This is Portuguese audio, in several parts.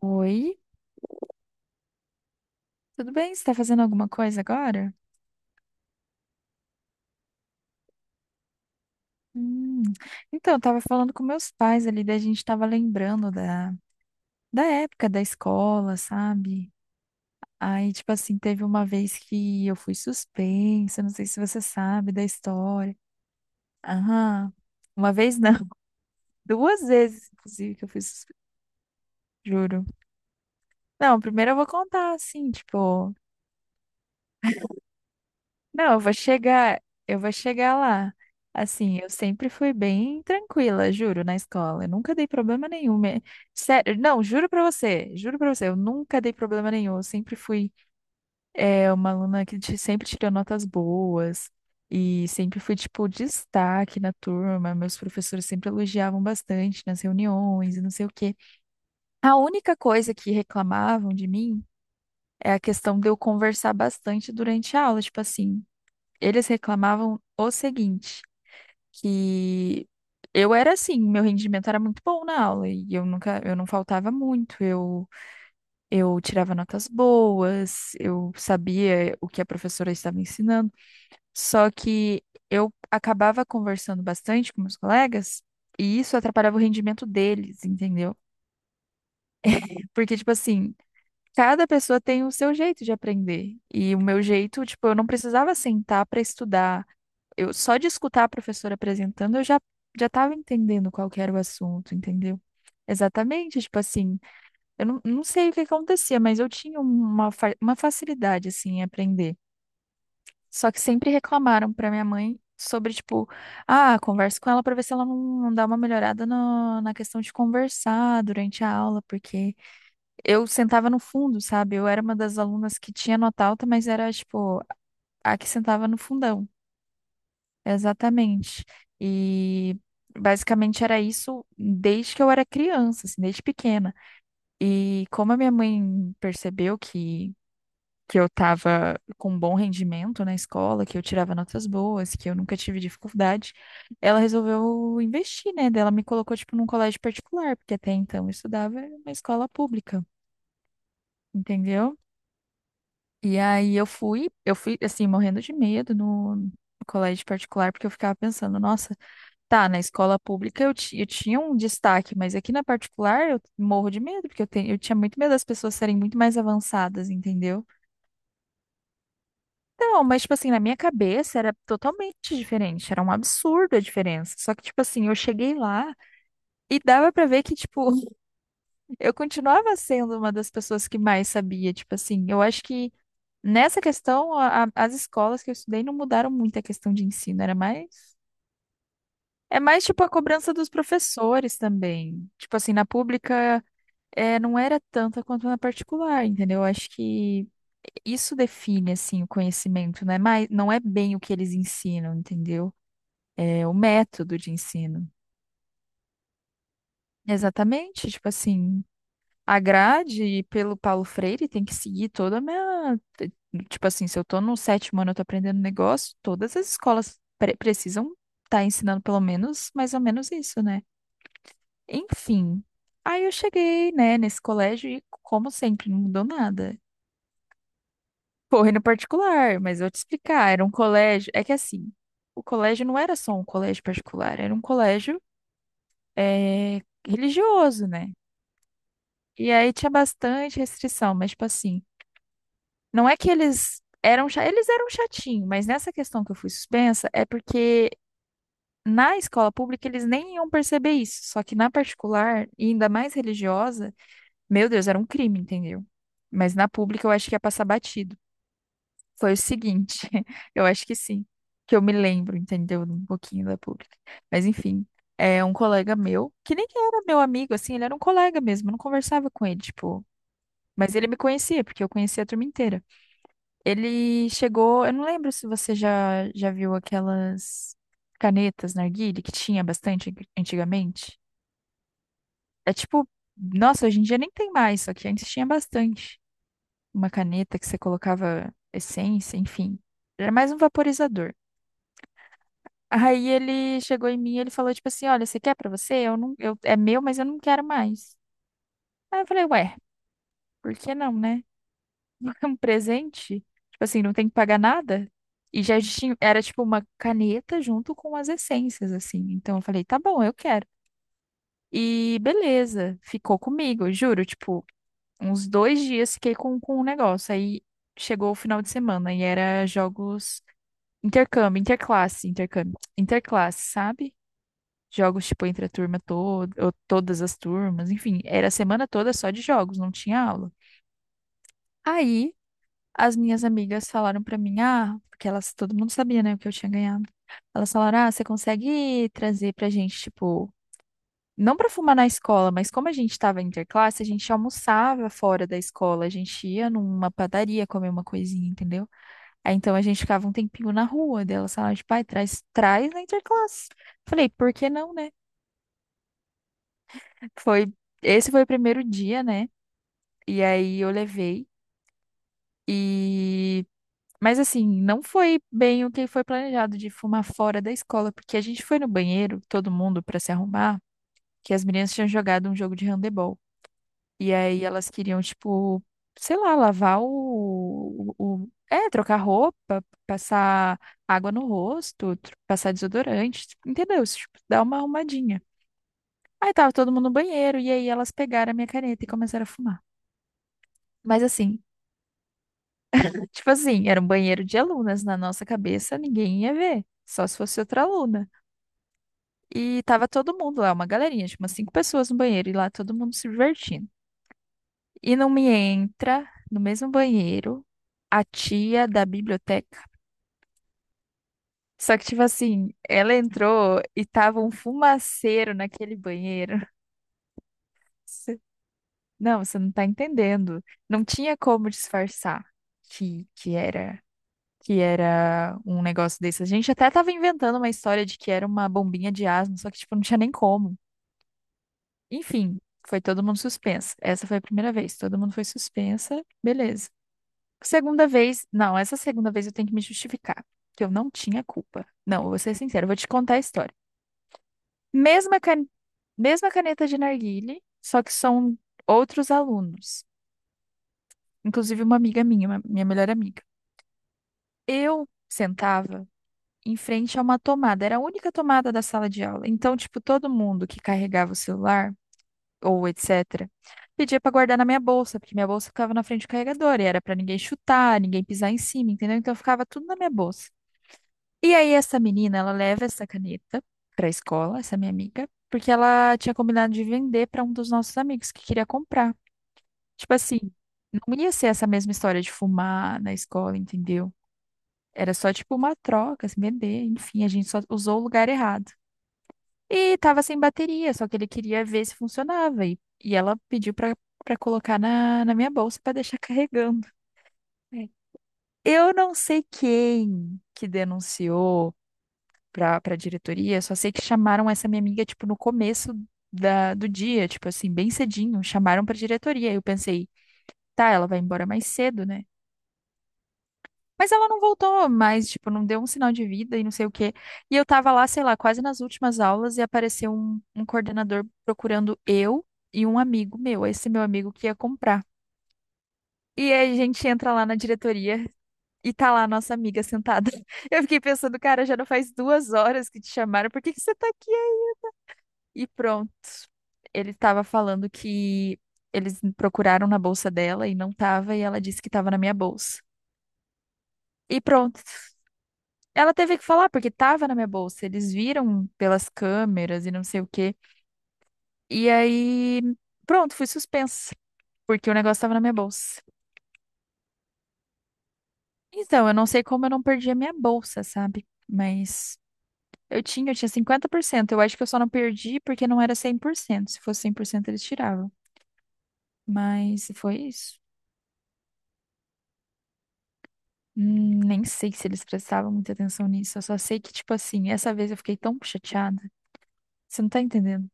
Oi, tudo bem? Você tá fazendo alguma coisa agora? Hum, Então, eu tava falando com meus pais ali, daí a gente tava lembrando da, da época da escola, sabe? Aí, tipo assim, teve uma vez que eu fui suspensa, não sei se você sabe da história. Aham, uma vez não, duas vezes, inclusive, que eu fui suspensa, juro. Não, primeiro eu vou contar, assim, tipo, não, eu vou chegar lá. Assim, eu sempre fui bem tranquila, juro, na escola. Eu nunca dei problema nenhum. Sério, não, juro pra você, eu nunca dei problema nenhum. Eu sempre fui uma aluna que sempre tirou notas boas e sempre fui, tipo, destaque na turma. Meus professores sempre elogiavam bastante nas reuniões e não sei o quê. A única coisa que reclamavam de mim é a questão de eu conversar bastante durante a aula, tipo assim. Eles reclamavam o seguinte, que eu era assim, meu rendimento era muito bom na aula e eu não faltava muito, eu tirava notas boas, eu sabia o que a professora estava ensinando, só que eu acabava conversando bastante com meus colegas e isso atrapalhava o rendimento deles, entendeu? Porque tipo assim, cada pessoa tem o seu jeito de aprender. E o meu jeito, tipo, eu não precisava sentar para estudar. Eu só de escutar a professora apresentando, eu já estava entendendo qual que era o assunto, entendeu? Exatamente, tipo assim, eu não sei o que acontecia, mas eu tinha uma facilidade, assim, em aprender. Só que sempre reclamaram para minha mãe sobre, tipo, ah, converso com ela para ver se ela não dá uma melhorada na questão de conversar durante a aula, porque eu sentava no fundo, sabe? Eu era uma das alunas que tinha nota alta, mas era, tipo, a que sentava no fundão. Exatamente. E basicamente era isso desde que eu era criança, assim, desde pequena. E como a minha mãe percebeu que eu estava com um bom rendimento na escola, que eu tirava notas boas, que eu nunca tive dificuldade, ela resolveu investir, né? Daí ela me colocou, tipo, num colégio particular, porque até então eu estudava em uma escola pública, entendeu? E aí eu fui, assim, morrendo de medo no no colégio particular, porque eu ficava pensando, nossa. Tá, na escola pública eu tinha um destaque, mas aqui na particular eu morro de medo, porque eu tinha muito medo das pessoas serem muito mais avançadas, entendeu? Então, mas, tipo assim, na minha cabeça era totalmente diferente, era um absurdo a diferença. Só que, tipo assim, eu cheguei lá e dava pra ver que, tipo, eu continuava sendo uma das pessoas que mais sabia, tipo assim, eu acho que nessa questão as escolas que eu estudei não mudaram muito a questão de ensino, era mais. É mais tipo a cobrança dos professores também. Tipo assim, na pública é, não era tanta quanto na particular, entendeu? Eu acho que isso define, assim, o conhecimento, né? Mas não é bem o que eles ensinam, entendeu? É o método de ensino. Exatamente, tipo assim, a grade pelo Paulo Freire tem que seguir toda a minha... tipo assim, se eu tô no sétimo ano, eu tô aprendendo um negócio, todas as escolas precisam estar ensinando pelo menos, mais ou menos isso, né? Enfim, aí eu cheguei, né, nesse colégio e, como sempre, não mudou nada. Correndo particular, mas eu vou te explicar. Era um colégio. É que assim, o colégio não era só um colégio particular, era um colégio eh, religioso, né? E aí tinha bastante restrição, mas tipo assim, não é que eles eram chatinho, mas nessa questão que eu fui suspensa é porque na escola pública eles nem iam perceber isso, só que na particular, e ainda mais religiosa, meu Deus, era um crime, entendeu? Mas na pública eu acho que ia passar batido. Foi o seguinte, eu acho que sim, que eu me lembro, entendeu? Um pouquinho da pública. Mas enfim, é um colega meu, que nem era meu amigo, assim, ele era um colega mesmo, eu não conversava com ele, tipo. Mas ele me conhecia, porque eu conhecia a turma inteira. Ele chegou, eu não lembro se você já viu aquelas canetas narguilé que tinha bastante antigamente. É tipo, nossa, hoje em dia nem tem mais, só que antes tinha bastante. Uma caneta que você colocava essência, enfim. Era mais um vaporizador. Aí ele chegou em mim e ele falou, tipo assim, olha, você quer pra você? Eu não, eu, é meu, mas eu não quero mais. Aí eu falei, ué, por que não, né? É um presente? Tipo assim, não tem que pagar nada? E já tinha, era tipo uma caneta junto com as essências, assim. Então eu falei, tá bom, eu quero. E beleza, ficou comigo, juro, tipo, uns 2 dias fiquei com o negócio. Aí chegou o final de semana e era jogos intercâmbio, interclasse, sabe? Jogos, tipo, entre a turma toda, ou todas as turmas, enfim, era a semana toda só de jogos, não tinha aula. Aí, as minhas amigas falaram pra mim, ah, porque elas, todo mundo sabia, né, o que eu tinha ganhado. Elas falaram, ah, você consegue trazer pra gente, tipo, não pra fumar na escola, mas como a gente tava interclasse, a gente almoçava fora da escola, a gente ia numa padaria comer uma coisinha, entendeu? Aí, então, a gente ficava um tempinho na rua, delas falaram, tipo, pai, traz, traz na interclasse. Falei, por que não, né? Foi, esse foi o primeiro dia, né? E aí eu levei e mas assim, não foi bem o que foi planejado de fumar fora da escola, porque a gente foi no banheiro, todo mundo pra se arrumar, que as meninas tinham jogado um jogo de handebol. E aí elas queriam tipo, sei lá, lavar trocar roupa, passar água no rosto, passar desodorante, tipo, entendeu? Tipo, dar uma arrumadinha. Aí tava todo mundo no banheiro e aí elas pegaram a minha caneta e começaram a fumar. Mas assim, tipo assim, era um banheiro de alunas. Na nossa cabeça, ninguém ia ver. Só se fosse outra aluna. E tava todo mundo lá, uma galerinha, tipo umas cinco pessoas no banheiro. E lá todo mundo se divertindo. E não me entra no mesmo banheiro a tia da biblioteca. Só que, tipo assim, ela entrou e tava um fumaceiro naquele banheiro. Você- Não, você não tá entendendo. Não tinha como disfarçar que, que era. que era um negócio desse. A gente até tava inventando uma história de que era uma bombinha de asma, só que, tipo, não tinha nem como. Enfim, foi todo mundo suspensa. Essa foi a primeira vez, todo mundo foi suspensa. Beleza. Segunda vez, não, essa segunda vez eu tenho que me justificar, que eu não tinha culpa. Não, eu vou ser sincera, eu vou te contar a história. Mesma, can... Mesma caneta de narguilé, só que são outros alunos. Inclusive uma amiga minha, minha melhor amiga. Eu sentava em frente a uma tomada. Era a única tomada da sala de aula. Então, tipo, todo mundo que carregava o celular ou etc, pedia pra guardar na minha bolsa, porque minha bolsa ficava na frente do carregador e era pra ninguém chutar, ninguém pisar em cima, entendeu? Então, ficava tudo na minha bolsa. E aí, essa menina, ela leva essa caneta pra escola, essa minha amiga, porque ela tinha combinado de vender pra um dos nossos amigos que queria comprar. Tipo assim, não ia ser essa mesma história de fumar na escola, entendeu? Era só tipo uma troca, se vender, enfim, a gente só usou o lugar errado. E tava sem bateria, só que ele queria ver se funcionava. E ela pediu pra colocar na minha bolsa pra deixar carregando. É. Eu não sei quem que denunciou pra diretoria, só sei que chamaram essa minha amiga, tipo, no começo do dia, tipo assim, bem cedinho. Chamaram pra diretoria. Eu pensei, tá, ela vai embora mais cedo, né? Mas ela não voltou mais, tipo, não deu um sinal de vida e não sei o quê. E eu tava lá, sei lá, quase nas últimas aulas e apareceu um coordenador procurando eu e um amigo meu, esse meu amigo que ia comprar. E aí a gente entra lá na diretoria e tá lá a nossa amiga sentada. Eu fiquei pensando, cara, já não faz 2 horas que te chamaram, por que que você tá aqui? E pronto. Ele estava falando que eles procuraram na bolsa dela e não tava, e ela disse que tava na minha bolsa. E pronto. Ela teve que falar, porque tava na minha bolsa. Eles viram pelas câmeras e não sei o quê. E aí, pronto, fui suspensa, porque o negócio tava na minha bolsa. Então, eu não sei como eu não perdi a minha bolsa, sabe? Mas eu tinha 50%. Eu acho que eu só não perdi porque não era 100%. Se fosse 100% eles tiravam. Mas foi isso. Nem sei se eles prestavam muita atenção nisso. Eu só sei que, tipo assim, essa vez eu fiquei tão chateada. Você não tá entendendo?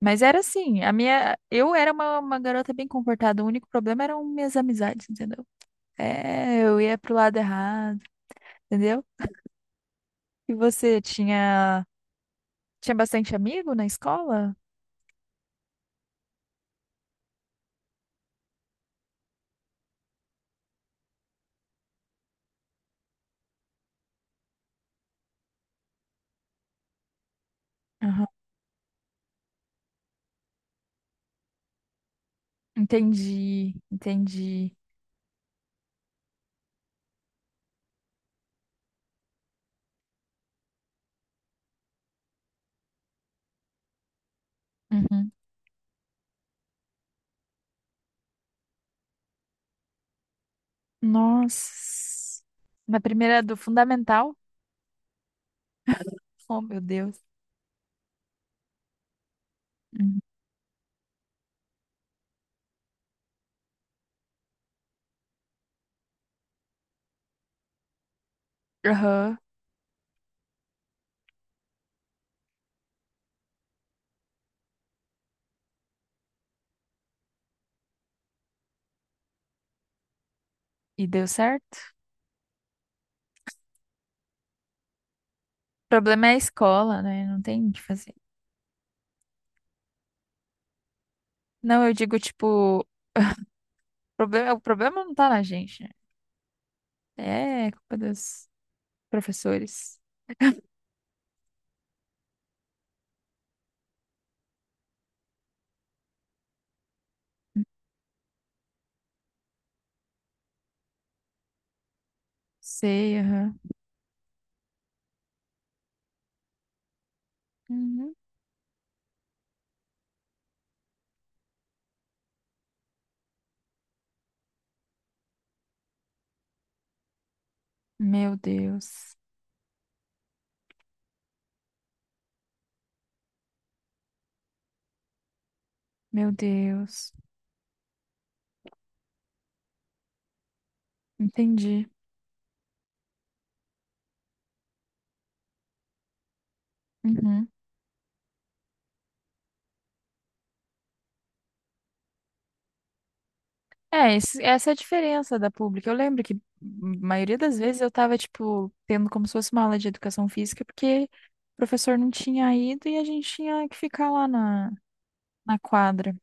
Mas era assim, eu era uma garota bem comportada, o único problema eram minhas amizades, entendeu? É, eu ia pro lado errado, entendeu? E você tinha, tinha bastante amigo na escola? Aham. Entendi, entendi. Uhum. Nossa. Na primeira do fundamental? Oh, meu Deus. Uhum. Aham. E deu certo? O problema é a escola, né? Não tem o que fazer. Não, eu digo, tipo, problema, o problema não tá na gente, né? É, culpa dos professores. Sei, aham. Uhum. Meu Deus. Meu Deus. Entendi. Uhum. É, essa é a diferença da pública. Eu lembro que a maioria das vezes eu tava, tipo, tendo como se fosse uma aula de educação física, porque o professor não tinha ido e a gente tinha que ficar lá na, na quadra.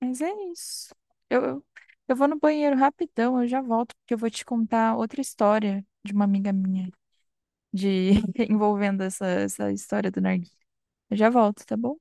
Mas é isso. Eu, eu eu vou no banheiro rapidão, eu já volto, porque eu vou te contar outra história de uma amiga minha, de envolvendo essa, essa história do narguilé. Eu já volto, tá bom?